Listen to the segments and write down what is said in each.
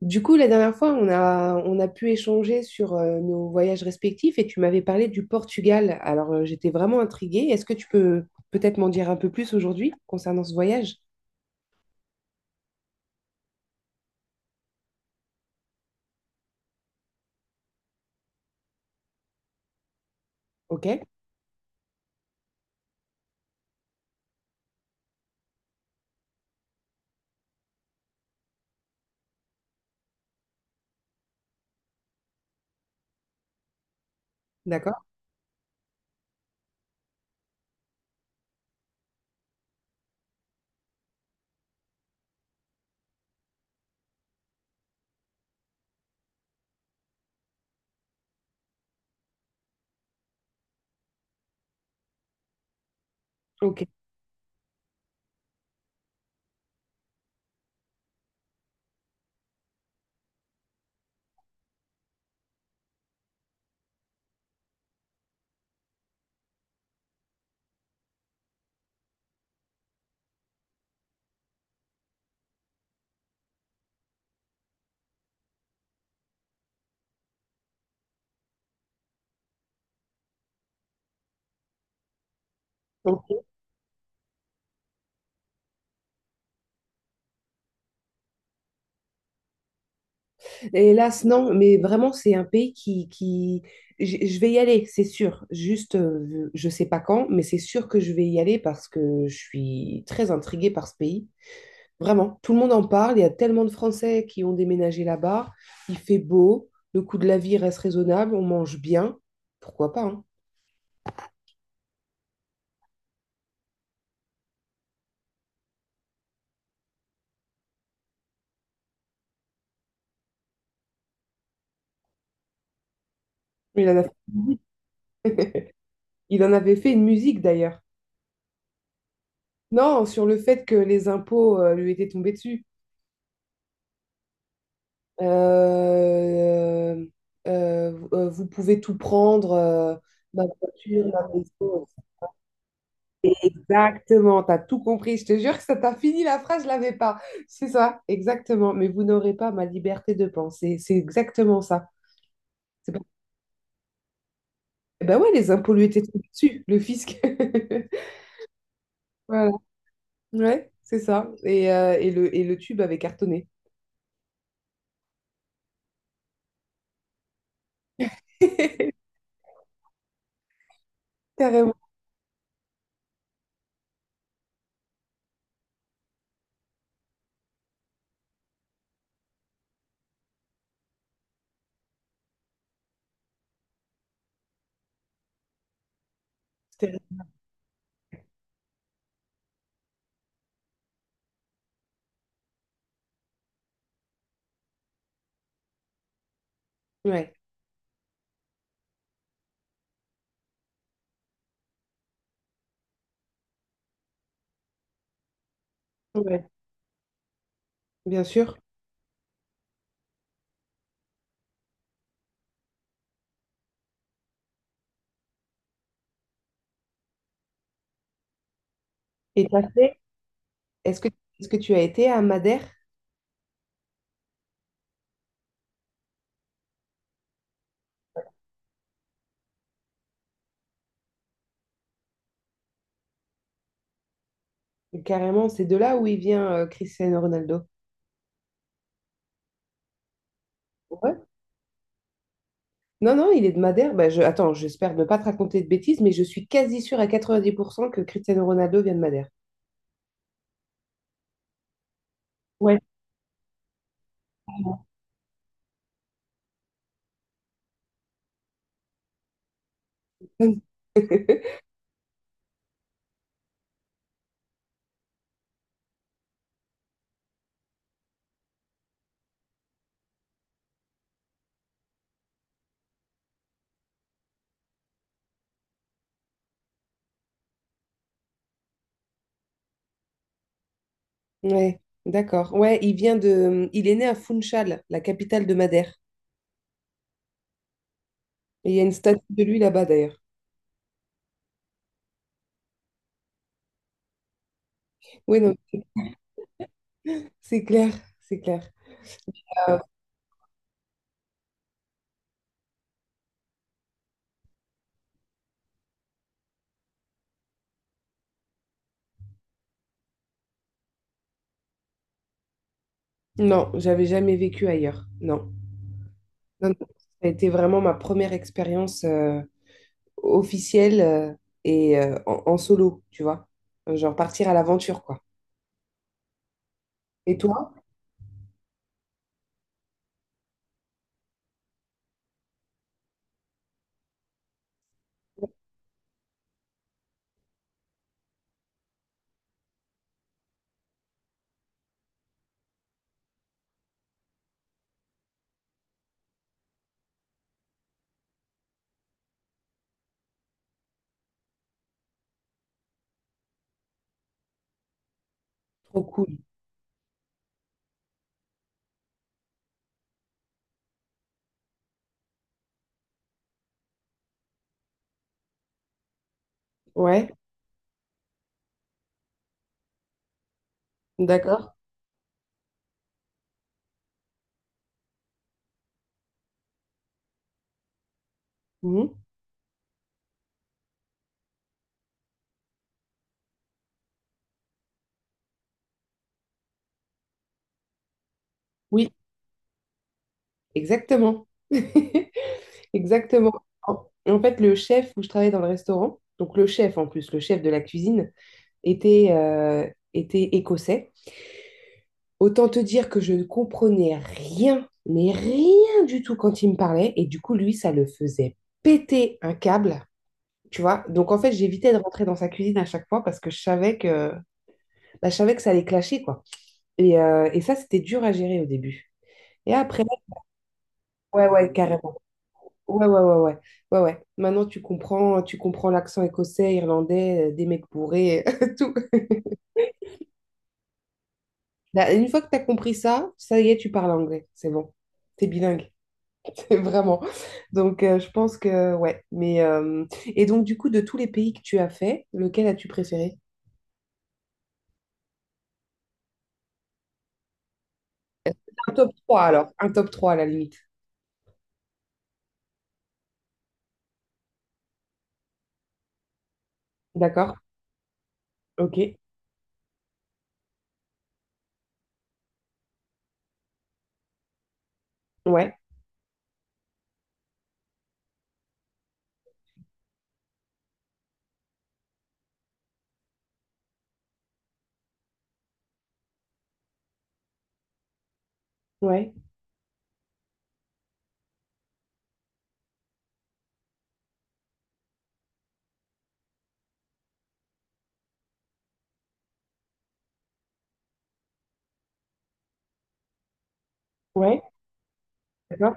Du coup, la dernière fois, on a pu échanger sur nos voyages respectifs et tu m'avais parlé du Portugal. Alors, j'étais vraiment intriguée. Est-ce que tu peux peut-être m'en dire un peu plus aujourd'hui concernant ce voyage? Ok, d'accord. Ok. Ok. Hélas, non, mais vraiment, c'est un pays qui. Je vais y aller, c'est sûr. Juste, je sais pas quand, mais c'est sûr que je vais y aller parce que je suis très intriguée par ce pays. Vraiment, tout le monde en parle. Il y a tellement de Français qui ont déménagé là-bas. Il fait beau, le coût de la vie reste raisonnable, on mange bien. Pourquoi pas, hein. Il en a fait une musique. Il en avait fait une musique d'ailleurs. Non, sur le fait que les impôts lui étaient tombés dessus. Euh, Vous pouvez tout prendre, ma voiture, ma maison. Exactement, t'as tout compris. Je te jure que ça t'a fini la phrase, je l'avais pas. C'est ça, exactement. Mais vous n'aurez pas ma liberté de penser. C'est exactement ça. C'est pas- Eh ben ouais, les impôts lui étaient tombés dessus, le fisc. Voilà. Ouais, c'est ça. Et le tube avait cartonné. Carrément. C'était- Ouais, ouais, bien sûr. Et t'as fait, est-ce que, est-ce que tu as été à Madère? Carrément, c'est de là où il vient Cristiano Ronaldo. Non, non, il est de Madère. Bah, Attends, j'espère ne pas te raconter de bêtises, mais je suis quasi sûre à 90% que Cristiano Ronaldo vient de Madère. Ouais. Ouais, d'accord. Ouais, Il est né à Funchal, la capitale de Madère. Et il y a une statue de lui là-bas, d'ailleurs. Oui, non, c'est clair, c'est clair. Euh, non, j'avais jamais vécu ailleurs. Non. Non, non. Ça a été vraiment ma première expérience officielle et en solo, tu vois. Genre partir à l'aventure, quoi. Et toi? Trop cool. Ouais. D'accord. Mhm. Oui, exactement. Exactement. En fait, le chef où je travaillais dans le restaurant, donc le chef en plus, le chef de la cuisine, était, euh, était écossais. Autant te dire que je ne comprenais rien, mais rien du tout quand il me parlait. Et du coup, lui, ça le faisait péter un câble. Tu vois, donc en fait, j'évitais de rentrer dans sa cuisine à chaque fois parce que je savais que, bah, je savais que ça allait clasher, quoi. Et ça, c'était dur à gérer au début. Et après, ouais, ouais, carrément. Ouais, ouais, ouais, ouais, ouais, ouais. Maintenant, tu comprends l'accent écossais, irlandais, des mecs bourrés, tout. Là, une fois que tu as compris ça, ça y est, tu parles anglais, c'est bon. T'es bilingue, c'est vraiment. Donc, je pense que, ouais. Mais. Et donc, du coup, de tous les pays que tu as fait, lequel as-tu préféré? Un top trois alors. Un top trois à la limite. D'accord? Ok. Ouais, ouais, ouais. D'accord?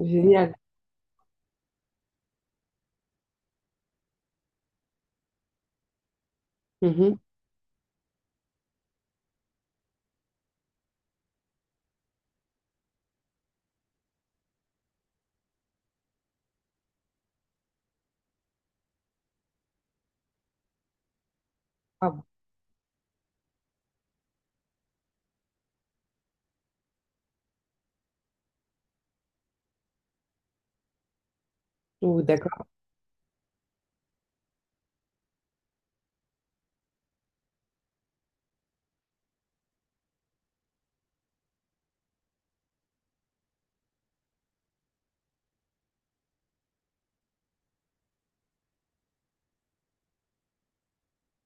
Génial. Mhm. Ah bon. Oh, d'accord.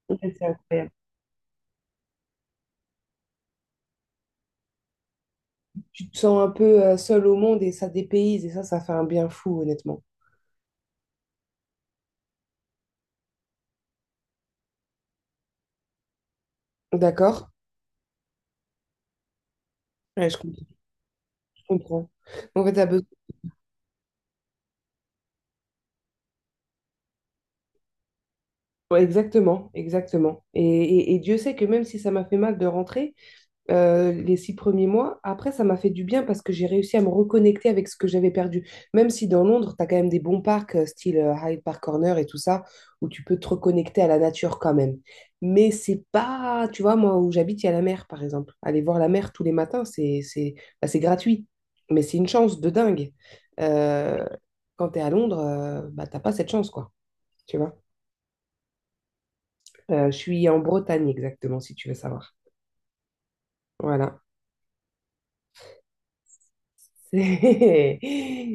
Ouais, c'est incroyable. Tu te sens un peu seul au monde et ça dépayse et ça fait un bien fou, honnêtement. D'accord? Ouais, je comprends. Je comprends. En fait, t'as besoin. Ouais, exactement, exactement. Et Dieu sait que même si ça m'a fait mal de rentrer, les 6 premiers mois. Après, ça m'a fait du bien parce que j'ai réussi à me reconnecter avec ce que j'avais perdu. Même si dans Londres, tu as quand même des bons parcs, style Hyde Park Corner et tout ça, où tu peux te reconnecter à la nature quand même. Mais c'est pas, tu vois, moi où j'habite, il y a la mer, par exemple. Aller voir la mer tous les matins, bah, c'est gratuit. Mais c'est une chance de dingue. Euh, Quand tu es à Londres, bah, t'as pas cette chance, quoi. Tu vois. Je suis en Bretagne exactement, si tu veux savoir. Voilà. C'est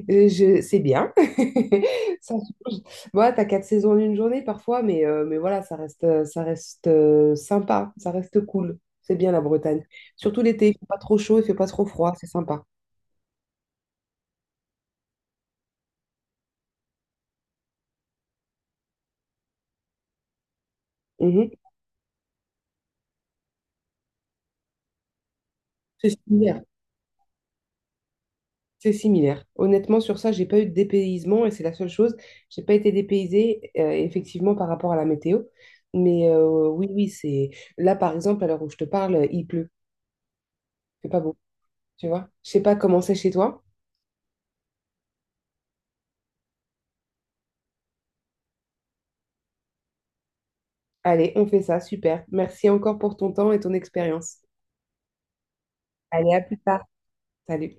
C'est bien. Ça change. Moi, t'as quatre saisons en une journée parfois, mais voilà, ça reste sympa, ça reste cool. C'est bien la Bretagne. Surtout l'été, il fait pas trop chaud, il fait pas trop froid, c'est sympa. Mhm. C'est similaire. C'est similaire. Honnêtement, sur ça, j'ai pas eu de dépaysement et c'est la seule chose. J'ai pas été dépaysée, effectivement, par rapport à la météo. Mais oui, oui, c'est. Là, par exemple, à l'heure où je te parle, il pleut. C'est pas beau, tu vois. Je sais pas comment c'est chez toi. Allez, on fait ça, super. Merci encore pour ton temps et ton expérience. Allez, à plus tard. Salut.